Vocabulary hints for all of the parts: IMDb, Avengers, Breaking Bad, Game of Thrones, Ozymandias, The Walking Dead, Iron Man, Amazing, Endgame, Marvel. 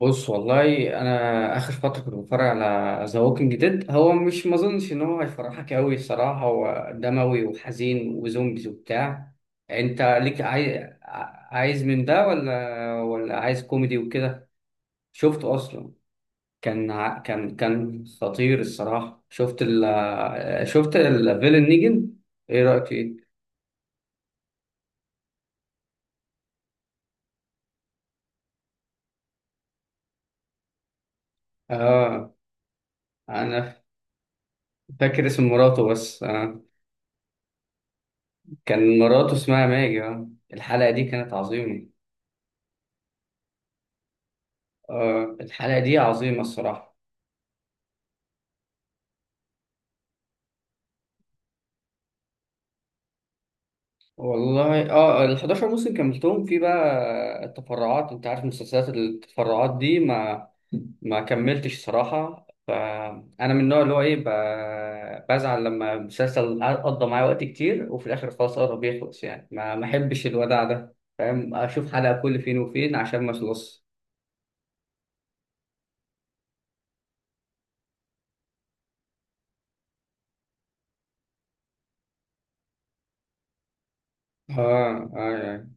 بص، والله انا اخر فتره كنت بتفرج على ذا ووكينج ديد. هو مش ما اظنش ان هو هيفرحك قوي الصراحه، هو دموي وحزين وزومبيز وبتاع. انت ليك؟ عايز عايز من ده ولا عايز كوميدي وكده؟ شفته اصلا؟ كان ع- كان كان خطير الصراحه. شفت الفيلن نيجن، ايه رايك فيه؟ اه، انا فاكر اسم مراته بس. كان مراته اسمها ماجي. الحلقه دي كانت عظيمه. الحلقة دي عظيمة الصراحة. والله اه، ال 11 موسم كملتهم. في بقى التفرعات انت عارف، مسلسلات التفرعات دي ما كملتش صراحة. فأنا من النوع اللي هو ايه، بزعل لما مسلسل قضى معايا وقت كتير وفي الآخر خلاص قرب يخلص، يعني ما أحبش الوداع ده فاهم، أشوف حلقة كل فين وفين عشان ما أخلص. اه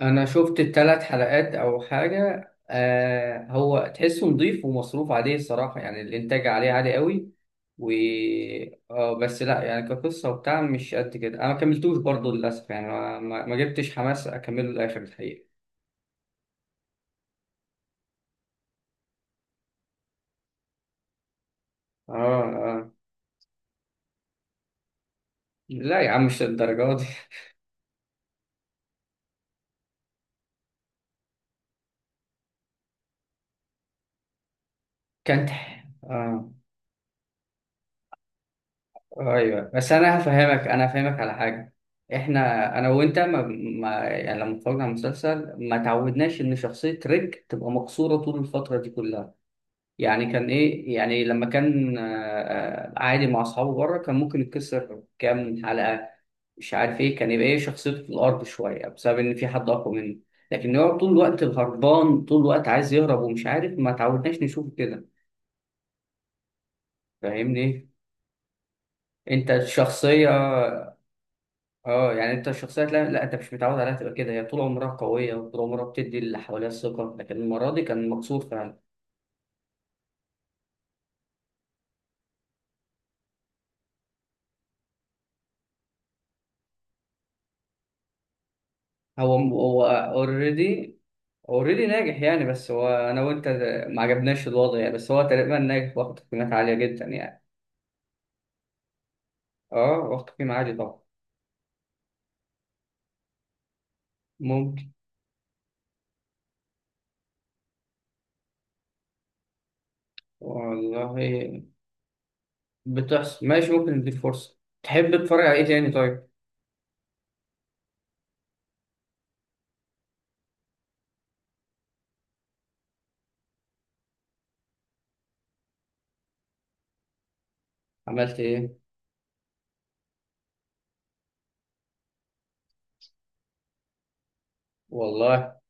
انا شفت الثلاث حلقات او حاجه. آه هو تحسه نظيف ومصروف عليه الصراحه، يعني الانتاج عليه عالي قوي. و آه بس لا، يعني كقصه وبتاع مش قد كده، انا ما كملتوش برضه للاسف، يعني ما جبتش حماس اكمله للاخر الحقيقه. اه اه، لا يا عم مش للدرجه دي كانت آه. ايوه بس انا هفهمك، انا هفهمك على حاجه. احنا انا وانت ما يعني لما اتفرجنا على المسلسل ما تعودناش ان شخصيه ريك تبقى مقصوره طول الفتره دي كلها. يعني كان ايه يعني لما كان عادي مع اصحابه بره، كان ممكن يتكسر كام حلقه، مش عارف ايه، كان يبقى ايه شخصيته في الارض شويه بسبب ان في حد اقوى منه. لكن هو طول الوقت هربان، طول الوقت عايز يهرب ومش عارف، ما تعودناش نشوفه كده. فاهمني؟ انت الشخصيه، اه يعني انت الشخصية لا انت مش متعود عليها تبقى كده. هي طول عمرها قوية وطول عمرها بتدي اللي حواليها الثقة، لكن المرة دي كان مكسور فعلا. هو اوريدي، اوريدي ناجح يعني، بس هو انا وانت ما عجبناش الوضع يعني، بس هو تقريبا ناجح واخد قيمات عالية جدا يعني. اه، واخد قيمة عالية طبعا. ممكن. والله بتحصل، ماشي ممكن نديك فرصة. تحب تتفرج على ايه تاني طيب؟ عملت ايه؟ والله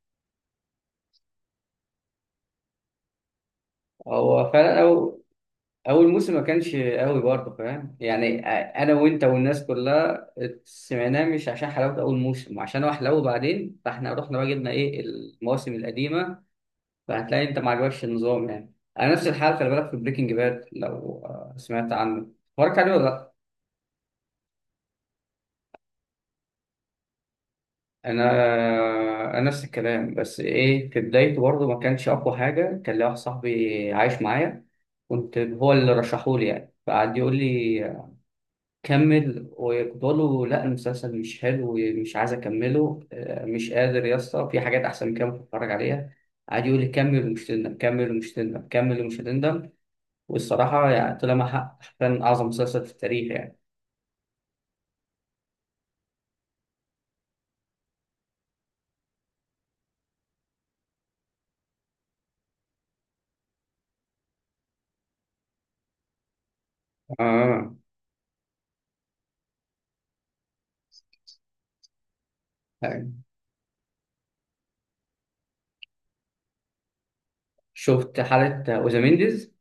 هو فعلا اول موسم ما كانش قوي برضه، فاهم يعني؟ انا وانت والناس كلها سمعناه مش عشان حلاوه اول موسم، عشان هو حلاوه بعدين، فاحنا رحنا بقى جبنا ايه، المواسم القديمه. فهتلاقي انت ما عجبكش النظام يعني. انا نفس الحال. خلي بالك في بريكنج باد، لو سمعت عنه، اتفرجت عليه ولا لا؟ انا انا نفس الكلام بس ايه، في بدايته برضه ما كانش اقوى حاجه. كان لي واحد صاحبي عايش معايا، كنت هو اللي رشحولي يعني، فقعد يقول لي كمل، وكنت بقول له لا المسلسل مش حلو ومش عايز اكمله. مش قادر يا اسطى، في حاجات احسن من كده ممكن اتفرج عليها. قعد يقول لي كمل ومش تندم، كمل ومش تندم، كمل ومش تندم. والصراحه يعني طلع مع حق، كان اعظم مسلسل في التاريخ يعني. اه يعني. شفت حلقه اوزامينديز؟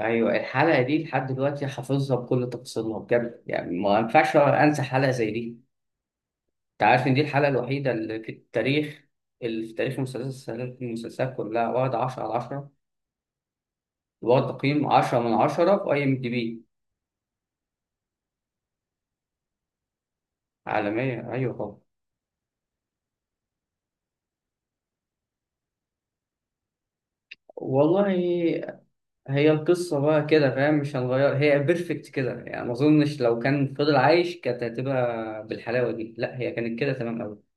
ايوه الحلقه دي لحد دلوقتي حافظها بكل تفاصيلها بجد، يعني ما ينفعش انسى حلقه زي دي. انت عارف ان دي الحلقه الوحيده اللي في التاريخ، اللي في تاريخ المسلسلات، المسلسلات كلها، واخد 10 على 10، واخد تقييم عشرة من عشرة في أي إم دي بي. عالمية أيوة طبعا. والله هي القصة بقى كده فاهم، مش هنغير، هي بيرفكت كده، يعني ما أظنش لو كان فضل عايش كانت هتبقى بالحلاوة دي. لا هي كانت كده تمام أوي.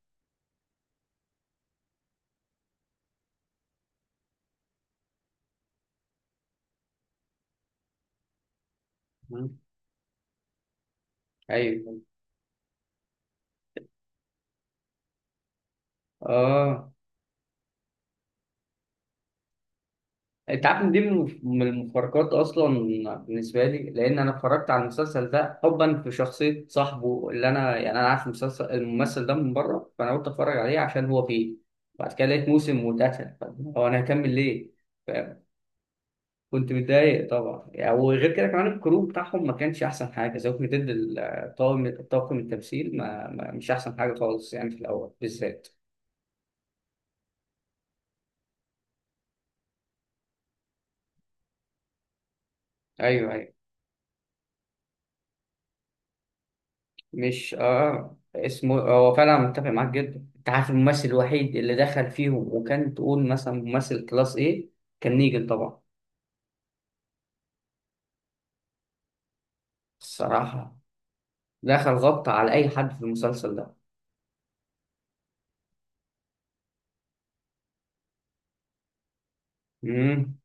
مم. أيوة. آه انت عارف ان دي من المفارقات اصلا بالنسبه لي، لان انا اتفرجت على المسلسل ده حبا في شخصيه صاحبه اللي انا، يعني انا عارف المسلسل، الممثل ده من بره، فانا قلت اتفرج عليه عشان هو فيه. بعد كده لقيت موسم واتقتل، طب هو انا هكمل ليه؟ ف-، كنت متضايق طبعا يعني. وغير كده كمان الكرو بتاعهم ما كانش احسن حاجه زي ما، ضد الطاقم، طاقم التمثيل مش احسن حاجه خالص يعني في الاول بالذات. ايوه مش اه اسمه، هو فعلا متفق معاك جدا. انت عارف الممثل الوحيد اللي دخل فيهم وكان تقول مثلا ممثل كلاس ايه؟ كان نيجن طبعا. الصراحة دخل غطى على اي حد في المسلسل ده. امم.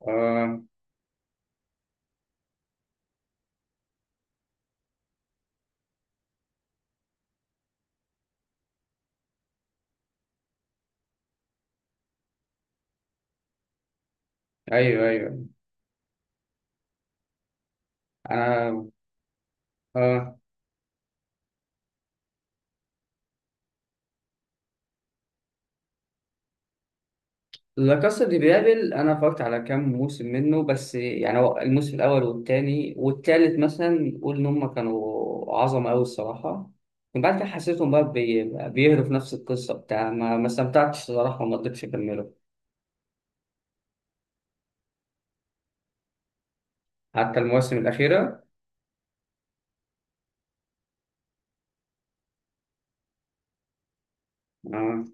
اه. ايوه ايوه. انا اه، لا كاسا دي بابل انا اتفرجت على كام موسم منه بس، يعني هو الموسم الاول والتاني والتالت مثلا قول ان هم كانوا عظمه قوي الصراحه. من بعد كده حسيتهم بقى بيهروا في نفس القصه بتاع، ما استمتعتش الصراحه وما قدرتش اكمله. حتى المواسم الاخيره. اه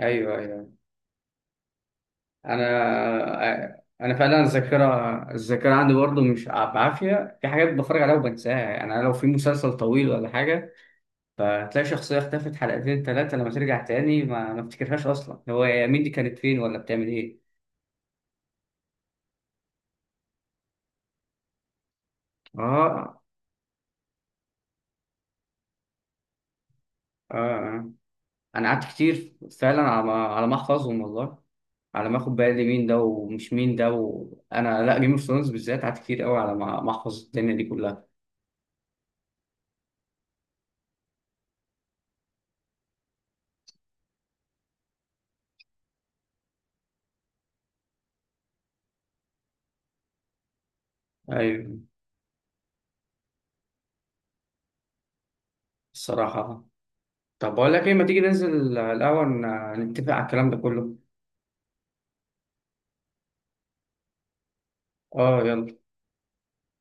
ايوه ايوه. انا انا فعلا الذاكره، الذاكره عندي برضه مش بعافيه، في حاجات بتفرج عليها وبنساها. يعني انا لو في مسلسل طويل ولا حاجه، فتلاقي شخصية اختفت حلقتين تلاتة، لما ترجع تاني ما افتكرهاش أصلا، هو يا مين دي، كانت فين ولا بتعمل إيه آه آه آه. أنا قعدت كتير فعلا على ما، على ما أحفظهم والله، على ما أخد بالي مين ده ومش مين ده. وأنا لا، جيم اوف ثرونز بالذات قعدت كتير قوي على ما ما أحفظ الدنيا دي كلها. أيوه. الصراحة. طب بقول لك إيه، ما تيجي ننزل الأول نتفق على الكلام ده كله. آه يلا.